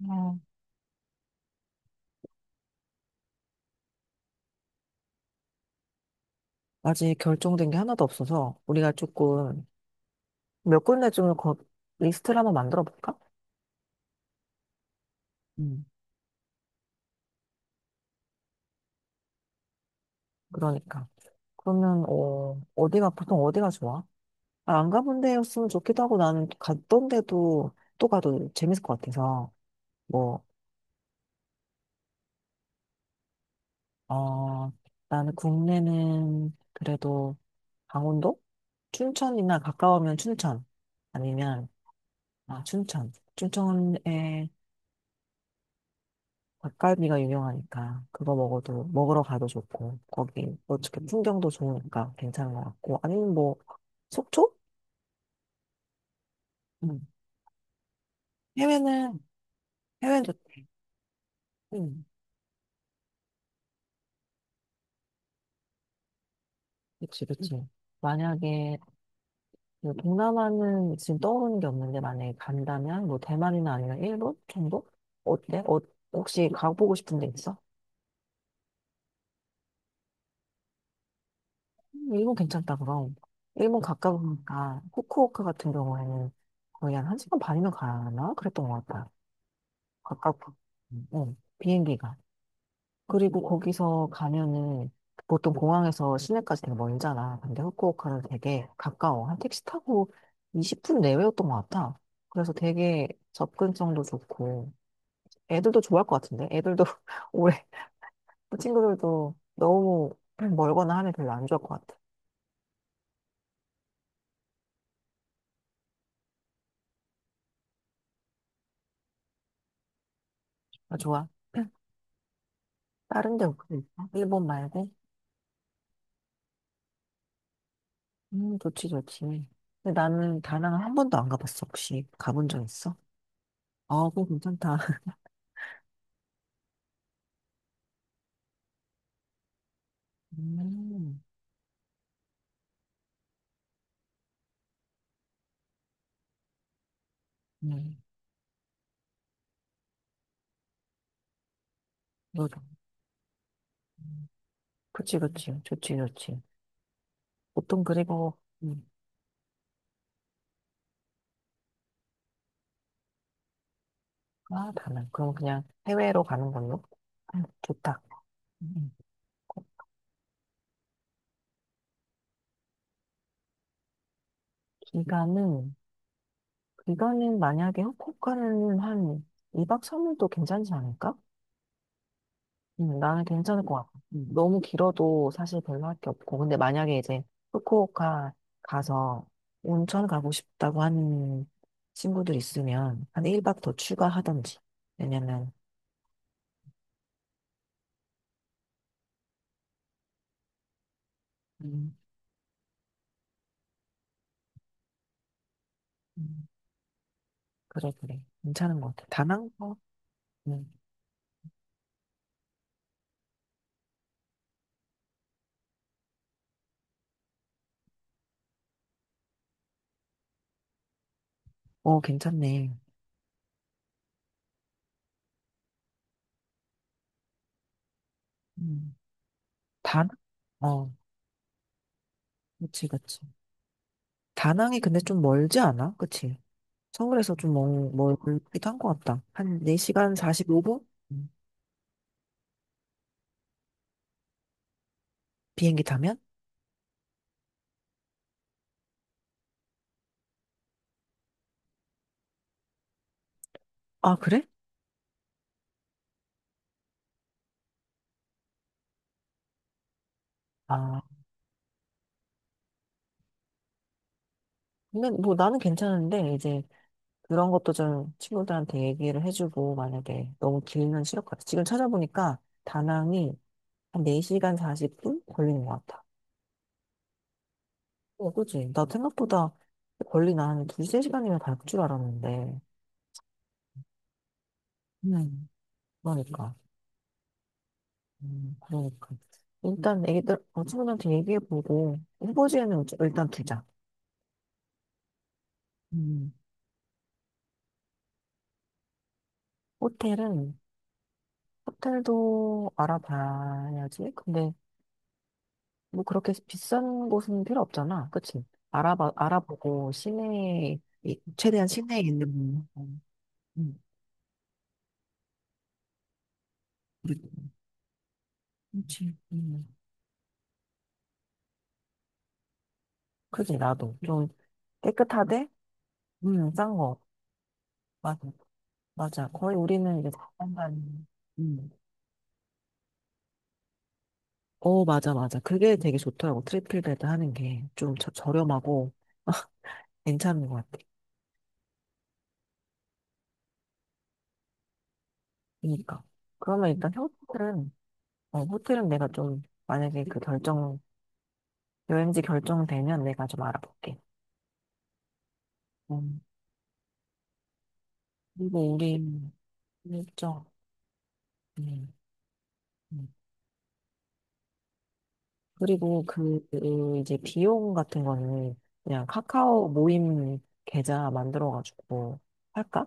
음. 아직 결정된 게 하나도 없어서 우리가 조금 몇 군데 리스트를 한번 만들어 볼까? 음. 그러니까. 그러면 어디가 보통 어디가 좋아? 아, 안 가본 데였으면 좋기도 하고 나는 갔던 데도 또 가도 재밌을 것 같아서 뭐. 어, 나는 국내는 그래도 강원도? 춘천이나 가까우면 춘천. 아니면 아 춘천, 춘천에 닭갈비가 유명하니까 그거 먹어도 먹으러 가도 좋고 거기 어떻게 풍경도 좋으니까 괜찮은 것 같고. 아니면 뭐 속초? 응. 해외는, 해외는 좋대. 응. 그치 그치. 만약에 그 동남아는 지금 떠오르는 게 없는데 만약에 간다면 뭐 대만이나 아니면 일본 정도? 어때? 혹시 가보고 싶은 데 있어? 일본 괜찮다 그럼. 일본 가까우니까 후쿠오카 같은 경우에는 거의 한 1시간 반이면 가야 하나? 그랬던 것 같아. 가깝고, 응, 비행기가. 그리고 거기서 가면은 보통 공항에서 시내까지 되게 멀잖아. 근데 후쿠오카는 되게 가까워. 한 택시 타고 20분 내외였던 것 같아. 그래서 되게 접근성도 좋고, 애들도 좋아할 것 같은데? 애들도 오래 친구들도 너무 멀거나 하면 별로 안 좋아할 것 같아. 아, 좋아. 다른 데 혹시 있어? 일본 말고? 좋지, 좋지. 근데 나는 다낭을 한 번도 안 가봤어. 혹시 가본 적 있어? 어, 그거 괜찮다. 음, 네. 노동. 음, 그치, 그치. 좋지, 좋지. 보통 그리고, 음, 아, 다른. 그럼 그냥 해외로 가는 걸로? 아, 좋다. 음, 기간은, 기간은 만약에 후쿠오카는 한 2박 3일도 괜찮지 않을까? 나는 괜찮을 것 같아. 너무 길어도 사실 별로 할 게 없고. 근데 만약에 이제 후쿠오카 가서 온천 가고 싶다고 하는 친구들 있으면 한 1박 더 추가하던지. 왜냐면, 음, 그래, 그래. 괜찮은 것 같아. 다낭거? 음. 어, 괜찮네. 음. 다낭? 어, 그치, 그치. 다낭이 근데 좀 멀지 않아? 그치? 서울에서 좀 멀기도 한 것 같다. 한 4시간 45분? 비행기 타면? 아, 그래? 아, 근데 뭐 나는 괜찮은데, 이제 그런 것도 좀 친구들한테 얘기를 해주고, 만약에 너무 길면 싫을 것 같아. 지금 찾아보니까 다낭이 한 4시간 40분 걸리는 것 같아. 어, 그지. 나 생각보다 걸리나 한 두세 시간이면 갈 줄 알았는데. 음. 그러니까. 그러니까. 일단 애기들, 어, 친구들한테 얘기해보고, 후보지에는 일단 두자. 음. 호텔은, 호텔도 알아봐야지. 근데 뭐 그렇게 비싼 곳은 필요 없잖아. 그치? 알아보고, 시내에, 이- 최대한 시내에 있는, 거. 음. 그렇지. 음. 그지, 나도. 좀 깨끗하대? 싼 거. 맞아. 거의 우리는 이제 자판단. 음. 어, 맞아, 맞아. 그게 되게 좋더라고. 트리플 베드 하는 게 좀 저렴하고 괜찮은 것 같아. 그러니까. 그러면 일단 호텔은, 어, 호텔은 내가 좀, 만약에 그 결정, 여행지 결정되면 내가 좀 알아볼게. 음. 그리고 우리 일정. 음. 음. 그리고 그, 그 이제 비용 같은 거는 그냥 카카오 모임 계좌 만들어가지고 할까?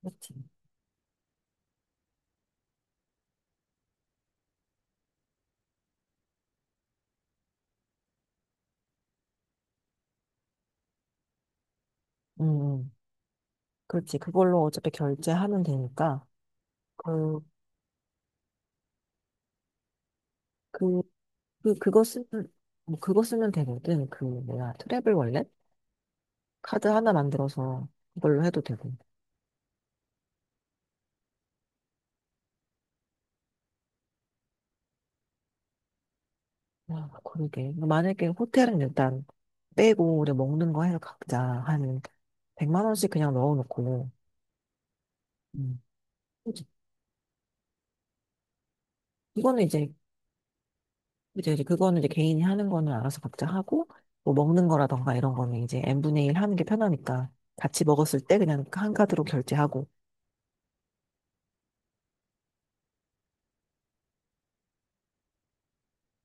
그렇지. 음. 그렇지. 그걸로 어차피 결제하면 되니까. 그, 그, 그거 쓰면, 뭐 그거 쓰면 되거든. 그, 뭐야, 트래블 월렛? 카드 하나 만들어서 그걸로 해도 되고. 아, 그러게. 뭐 만약에 호텔은 일단 빼고, 우리 먹는 거 해서 각자 한 100만 원씩 그냥 넣어놓고. 음. 그치. 이거는 이제, 이제 그거는 이제 개인이 하는 거는 알아서 각자 하고, 뭐 먹는 거라던가 이런 거는 이제 n분의 1 하는 게 편하니까 같이 먹었을 때 그냥 한 카드로 결제하고.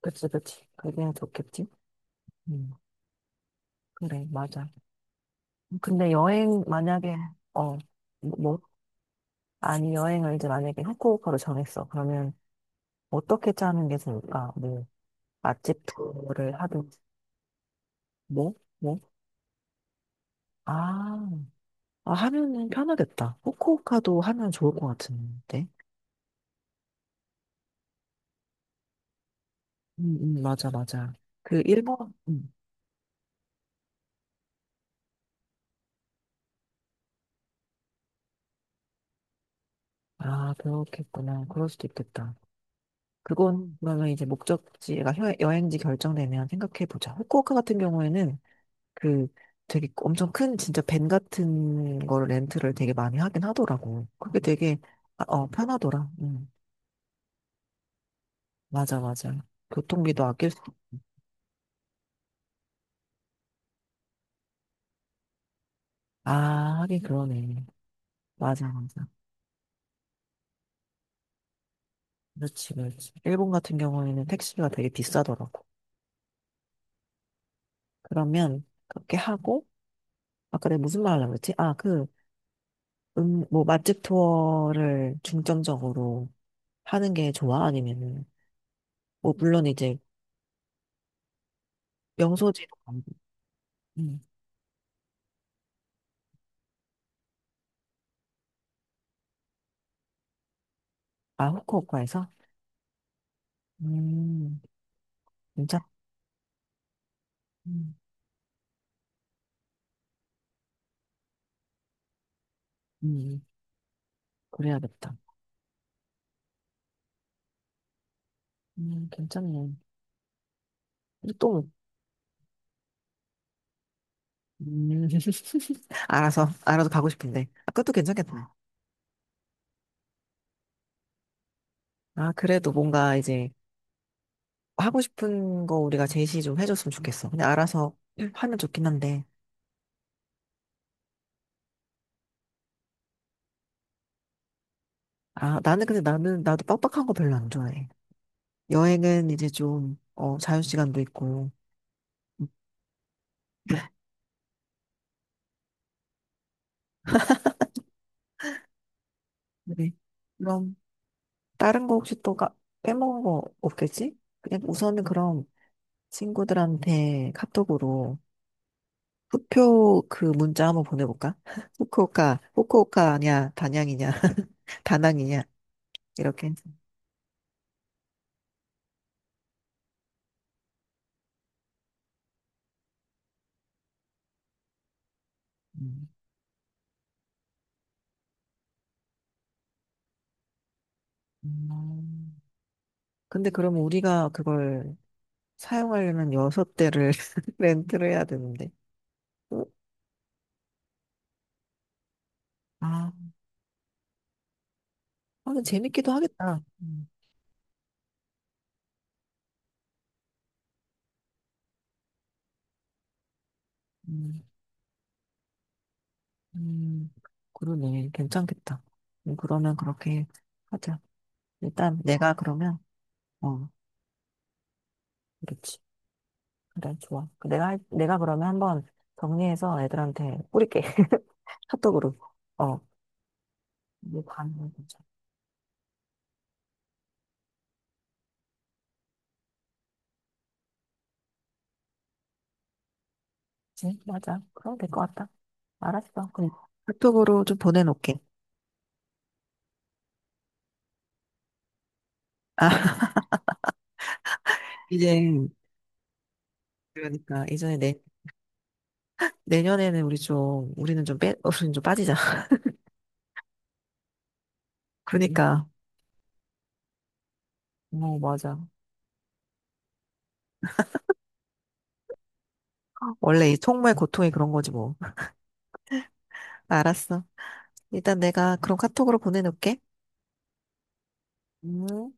그치, 그치. 그게 좋겠지? 음, 그래, 맞아. 근데 여행, 만약에, 어, 뭐, 뭐? 아니, 여행을 이제 만약에 후쿠오카로 정했어. 그러면 어떻게 짜는 게 좋을까? 뭐, 맛집 투어를 하든, 뭐, 뭐? 아, 아, 하면은 편하겠다. 후쿠오카도 하면 좋을 것 같은데. 맞아, 맞아. 그, 일본, 음. 아, 그렇겠구나. 그럴 수도 있겠다. 그건, 그러면 이제 목적지가 여- 여행지 결정되면 생각해보자. 후쿠오카 같은 경우에는 그 되게 엄청 큰 진짜 밴 같은 거를 렌트를 되게 많이 하긴 하더라고. 그게 되게. 아, 어 편하더라. 응. 맞아 맞아. 교통비도 아낄 수. 아 하긴 그러네. 맞아 맞아. 그렇지 그렇지. 일본 같은 경우에는 택시가 되게 비싸더라고. 그러면 그렇게 하고 아까 내가 무슨 말 하려고 했지? 아 그 뭐 맛집 투어를 중점적으로 하는 게 좋아? 아니면은 뭐 물론 이제 명소지도 가고. 음. 아 후쿠오카에서? 음. 괜찮다. 음, 음, 그래야겠다. 괜찮네. 근데 또, 음, 알아서 가고 싶은데. 아, 그것도 괜찮겠다. 아, 그래도 뭔가 이제 하고 싶은 거 우리가 제시 좀 해줬으면 좋겠어. 그냥 알아서 하면 좋긴 한데. 아, 나도 빡빡한 거 별로 안 좋아해. 여행은 이제 좀, 어, 자유시간도 있고. 음, 그래. 그럼, 다른 거 혹시 또 까, 빼먹은 거 없겠지? 그냥 우선은 그럼 친구들한테 카톡으로 후표 그 문자 한번 보내볼까? 단양이냐, 다낭이냐, 이렇게 해서. 음. 음. 근데 그럼 우리가 그걸 사용하려면 여섯 대를 렌트를 해야 되는데. 어? 아, 아, 근데 재밌기도 하겠다. 음, 음, 그러네. 괜찮겠다. 그러면 그렇게 하자. 일단 내가 그러면, 어, 그렇지. 그래, 좋아. 내가, 할- 내가 그러면 한번 정리해서 애들한테 뿌릴게. 카톡으로. 어, 이거 가능 괜찮지? 맞아. 그럼 될 것 같다. 알았어. 그럼 카톡으로 좀 보내놓게. 아, 이제, 그러니까, 이전에 내, 내년에는 우리 좀, 우리는 좀 빠지자. 그러니까, 어, 맞아. 원래 이 속말 고통이 그런 거지 뭐. 알았어. 일단 내가 그럼 카톡으로 보내놓게. 음.